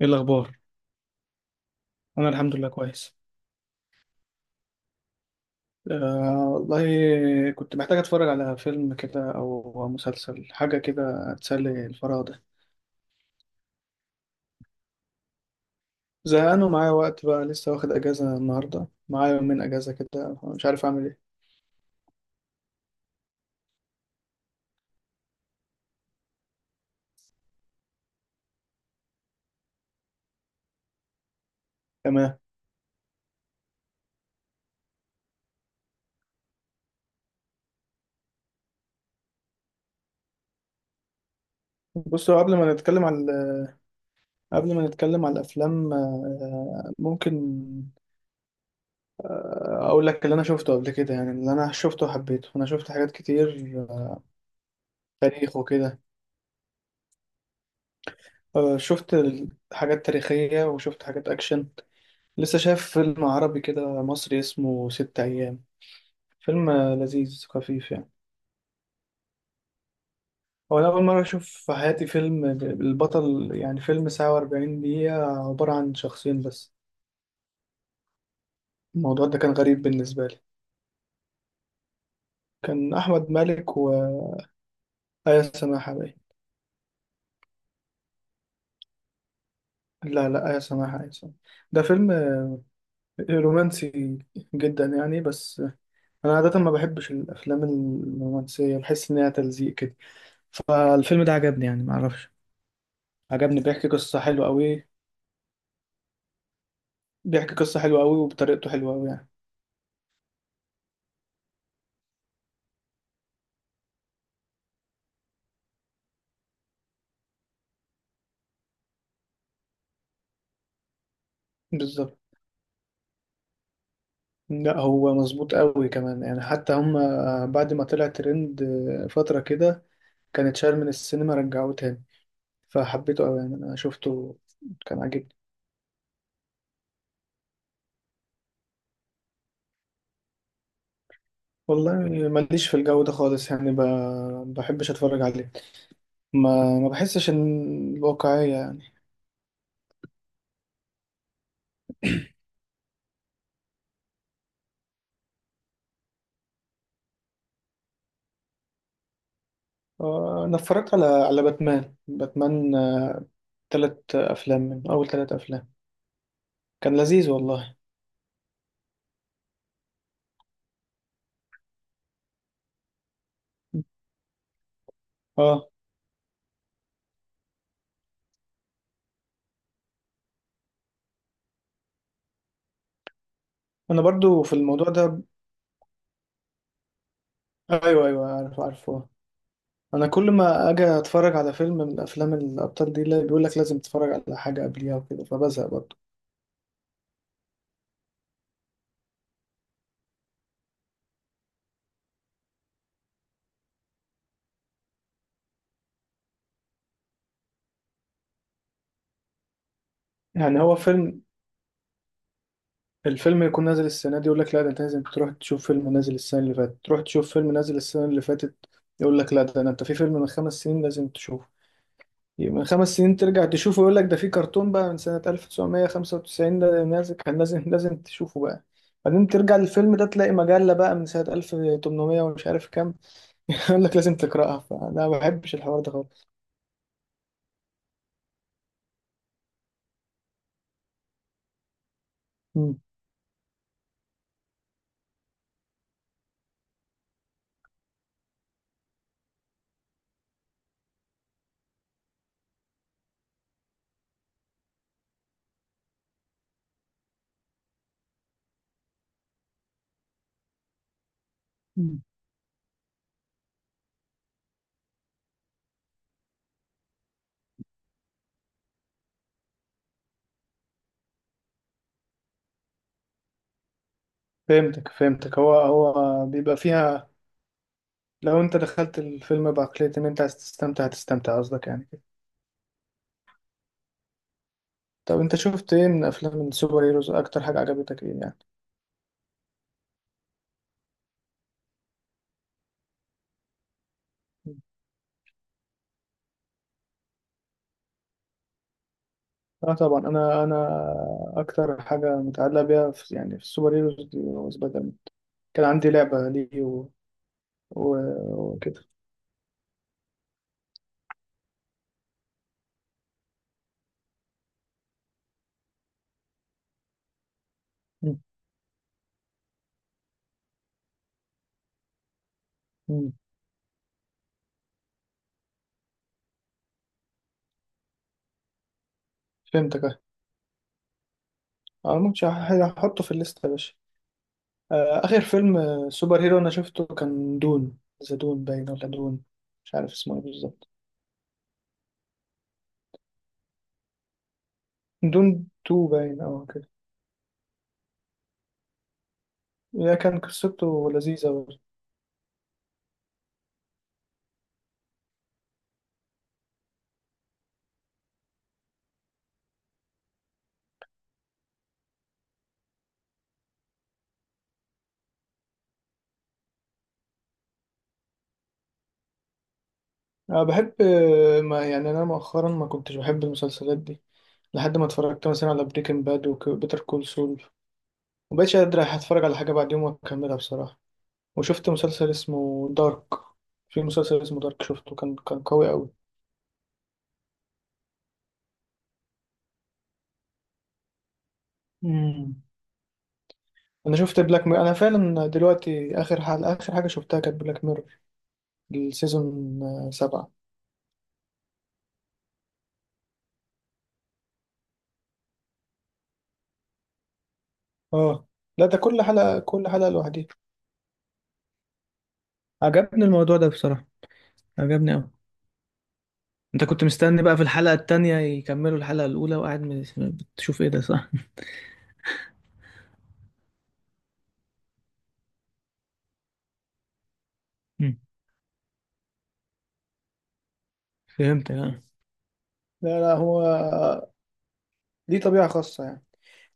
ايه الاخبار؟ انا الحمد لله كويس. آه والله، كنت محتاج اتفرج على فيلم كده او مسلسل، حاجه كده تسلي الفراغ ده. زهقان ومعايا وقت بقى، لسه واخد اجازه النهارده، معايا يومين اجازه كده، مش عارف اعمل ايه. تمام. بص، هو قبل ما نتكلم على الافلام، ممكن اقول لك اللي انا شفته قبل كده، يعني اللي انا شفته وحبيته، انا شفت حاجات كتير، تاريخ وكده. شفت حاجات تاريخيه وشفت حاجات اكشن. لسه شايف فيلم عربي كده مصري اسمه ست أيام، فيلم لذيذ خفيف يعني. هو أنا أول مرة أشوف في حياتي فيلم البطل، يعني فيلم ساعة و40 دقيقة عبارة عن شخصين بس. الموضوع ده كان غريب بالنسبة لي. كان أحمد مالك وآية سماحة باين. لا، لا، آية سماحة، آية سماحة. ده فيلم رومانسي جدا يعني، بس أنا عادة ما بحبش الأفلام الرومانسية، بحس إنها تلزيق كده. فالفيلم ده عجبني يعني، معرفش. عجبني، بيحكي قصة حلوة أوي. بيحكي قصة حلوة قوي وبطريقته حلوة قوي يعني. بالظبط. لا، هو مظبوط قوي كمان يعني، حتى هم بعد ما طلع ترند فترة كده، كانت شال من السينما، رجعوه تاني. فحبيته قوي يعني، انا شفته كان عاجبني. والله، ماليش في الجو ده خالص، يعني بحبش اتفرج عليه. ما بحسش ان الواقعية يعني. انا اتفرجت على باتمان باتمان، تلات افلام من اول 3 افلام، كان لذيذ والله. اه انا برضو في الموضوع ده. ايوه، ايوه، عارف، عارفه. انا كل ما اجي اتفرج على فيلم من افلام الابطال دي، اللي بيقول لك لازم تتفرج على حاجه قبليها وكده، فبزهق برضه. يعني هو فيلم، الفيلم يكون نازل السنه دي، يقول لك لا ده انت لازم تروح تشوف فيلم نازل السنه اللي فاتت، تروح تشوف فيلم نازل السنه اللي فاتت. يقول لك لا ده انت في فيلم من 5 سنين لازم تشوفه، من 5 سنين ترجع تشوفه، يقول لك ده في كرتون بقى من سنه 1995 ده نازل، كان لازم لازم تشوفه بقى. بعدين ترجع للفيلم ده تلاقي مجلة بقى من سنة 1800 ومش عارف كام. يقول لك لازم تقرأها، فلا ما بحبش الحوار ده خالص. مم. مم. فهمتك، فهمتك، هو بيبقى فيها، لو انت دخلت الفيلم بعقلية ان انت عايز تستمتع هتستمتع، قصدك يعني كده. طب انت شفت ايه من افلام السوبر هيروز، اكتر حاجة عجبتك ايه يعني؟ مم. اه طبعا، انا اكتر حاجة متعلقة بيها في، يعني في السوبر هيروز دي، هو سبايدر مان. كان عندي لعبة ليه و... وكده. مم. مم. فهمتك اه. ممكن هحطه في الليستة يا باشا. آخر فيلم سوبر هيرو أنا شفته كان دون، ذا دون باين ولا دون، مش عارف اسمه إيه بالظبط. دون تو باين أو كده. ده كان قصته لذيذة برضه. أنا بحب، ما يعني، أنا مؤخرا ما كنتش بحب المسلسلات دي، لحد ما اتفرجت مثلا على بريكنج باد وبيتر كول سول. مبقتش قادر أتفرج على حاجة بعد يوم وأكملها بصراحة. وشفت مسلسل اسمه دارك. في مسلسل اسمه دارك شفته، كان قوي أوي. امم أنا شفت بلاك مير، أنا فعلا دلوقتي آخر حلقة آخر حاجة شفتها كانت بلاك مير، السيزون سبعة. اه، لا ده كل حلقة، كل حلقة لوحدها. عجبني الموضوع ده بصراحة، عجبني أوي. أنت كنت مستني بقى في الحلقة التانية يكملوا الحلقة الأولى وقاعد بتشوف إيه ده، صح؟ مم. فهمت يعني. لا، لا، هو ليه طبيعة خاصة يعني.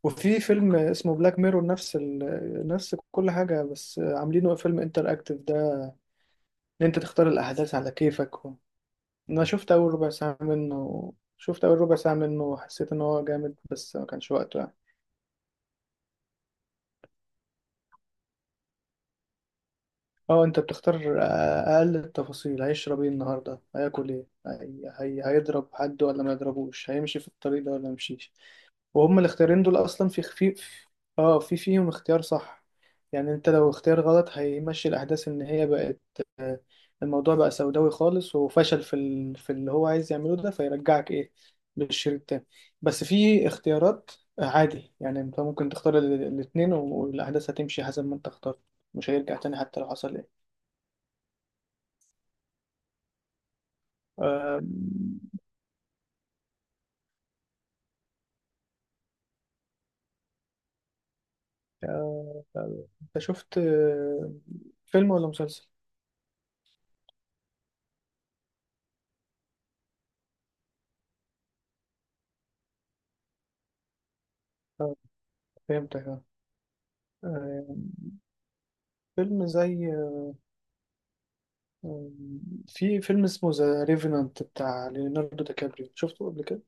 وفي فيلم اسمه بلاك ميرور نفس نفس كل حاجة، بس عاملينه فيلم انتر اكتف ده، ان انت تختار الاحداث على كيفك انا شفت اول ربع ساعة منه، شفت اول ربع ساعة منه، وحسيت ان هو جامد بس ما كانش وقته يعني. اه انت بتختار، اقل التفاصيل، هيشرب ايه النهارده، هياكل ايه، هيضرب حد ولا ما يضربوش، هيمشي في الطريق ده ولا ما يمشيش. وهم الاختيارين دول اصلا في خفيف. اه في فيهم اختيار صح، يعني انت لو اختيار غلط هيمشي الاحداث ان هي بقت، آه، الموضوع بقى سوداوي خالص، وفشل في في اللي هو عايز يعمله ده، فيرجعك ايه للشريط التاني. بس في اختيارات عادي، يعني انت ممكن تختار الاتنين، والاحداث هتمشي حسب ما انت اخترت، مش هيرجع تاني حتى لو حصل. آم، آه، آه، أه، انت شفت فيلم ولا مسلسل؟ آه، فهمتك آه. آم، فيلم زي، آم، في فيلم اسمه ذا ريفنانت بتاع ليوناردو دي كابريو، شفته قبل كده؟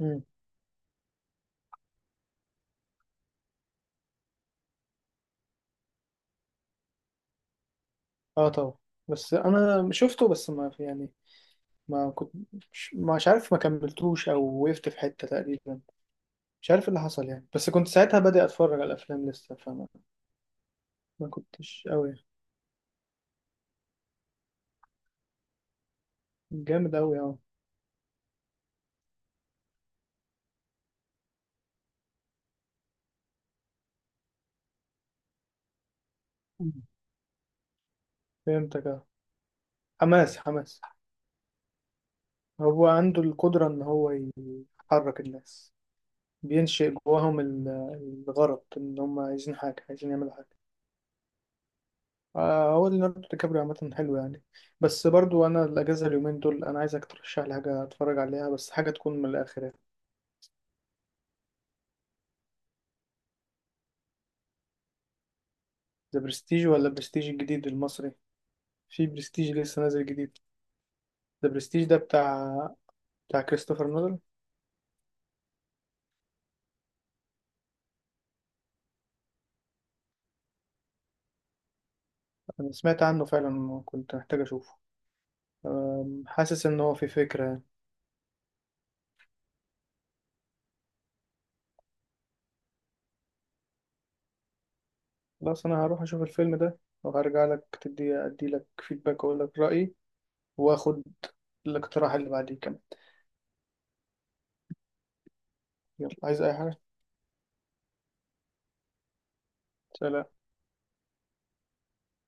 مم. اه طبعا، بس انا شفته بس ما في يعني، ما كنت، مش عارف، ما كملتوش او وقفت في حتة تقريبا، مش عارف إيه اللي حصل يعني، بس كنت ساعتها بادئ اتفرج على الافلام لسه فما. ما كنتش قوي. جامد قوي اه. مم. فهمتك اه. حماس حماس. هو عنده القدرة إن هو يحرك الناس، بينشئ جواهم الغرض إن هم عايزين حاجة، عايزين يعملوا حاجة. هو ليوناردو دي كابريو عامة حلو يعني. بس برضو أنا الأجازة اليومين دول أنا عايزك ترشح لي حاجة أتفرج عليها، بس حاجة تكون من الآخر يعني. ذا برستيج ولا برستيج الجديد المصري؟ في برستيج لسه نازل جديد. ذا برستيج ده بتاع كريستوفر نولان. أنا سمعت عنه فعلا وكنت محتاج أشوفه. حاسس إن هو في فكرة يعني. خلاص انا هروح اشوف الفيلم ده، وهرجع لك ادي لك فيدباك، واقول لك رايي، واخد الاقتراح اللي بعديه كمان. يلا عايز اي حاجه. سلام.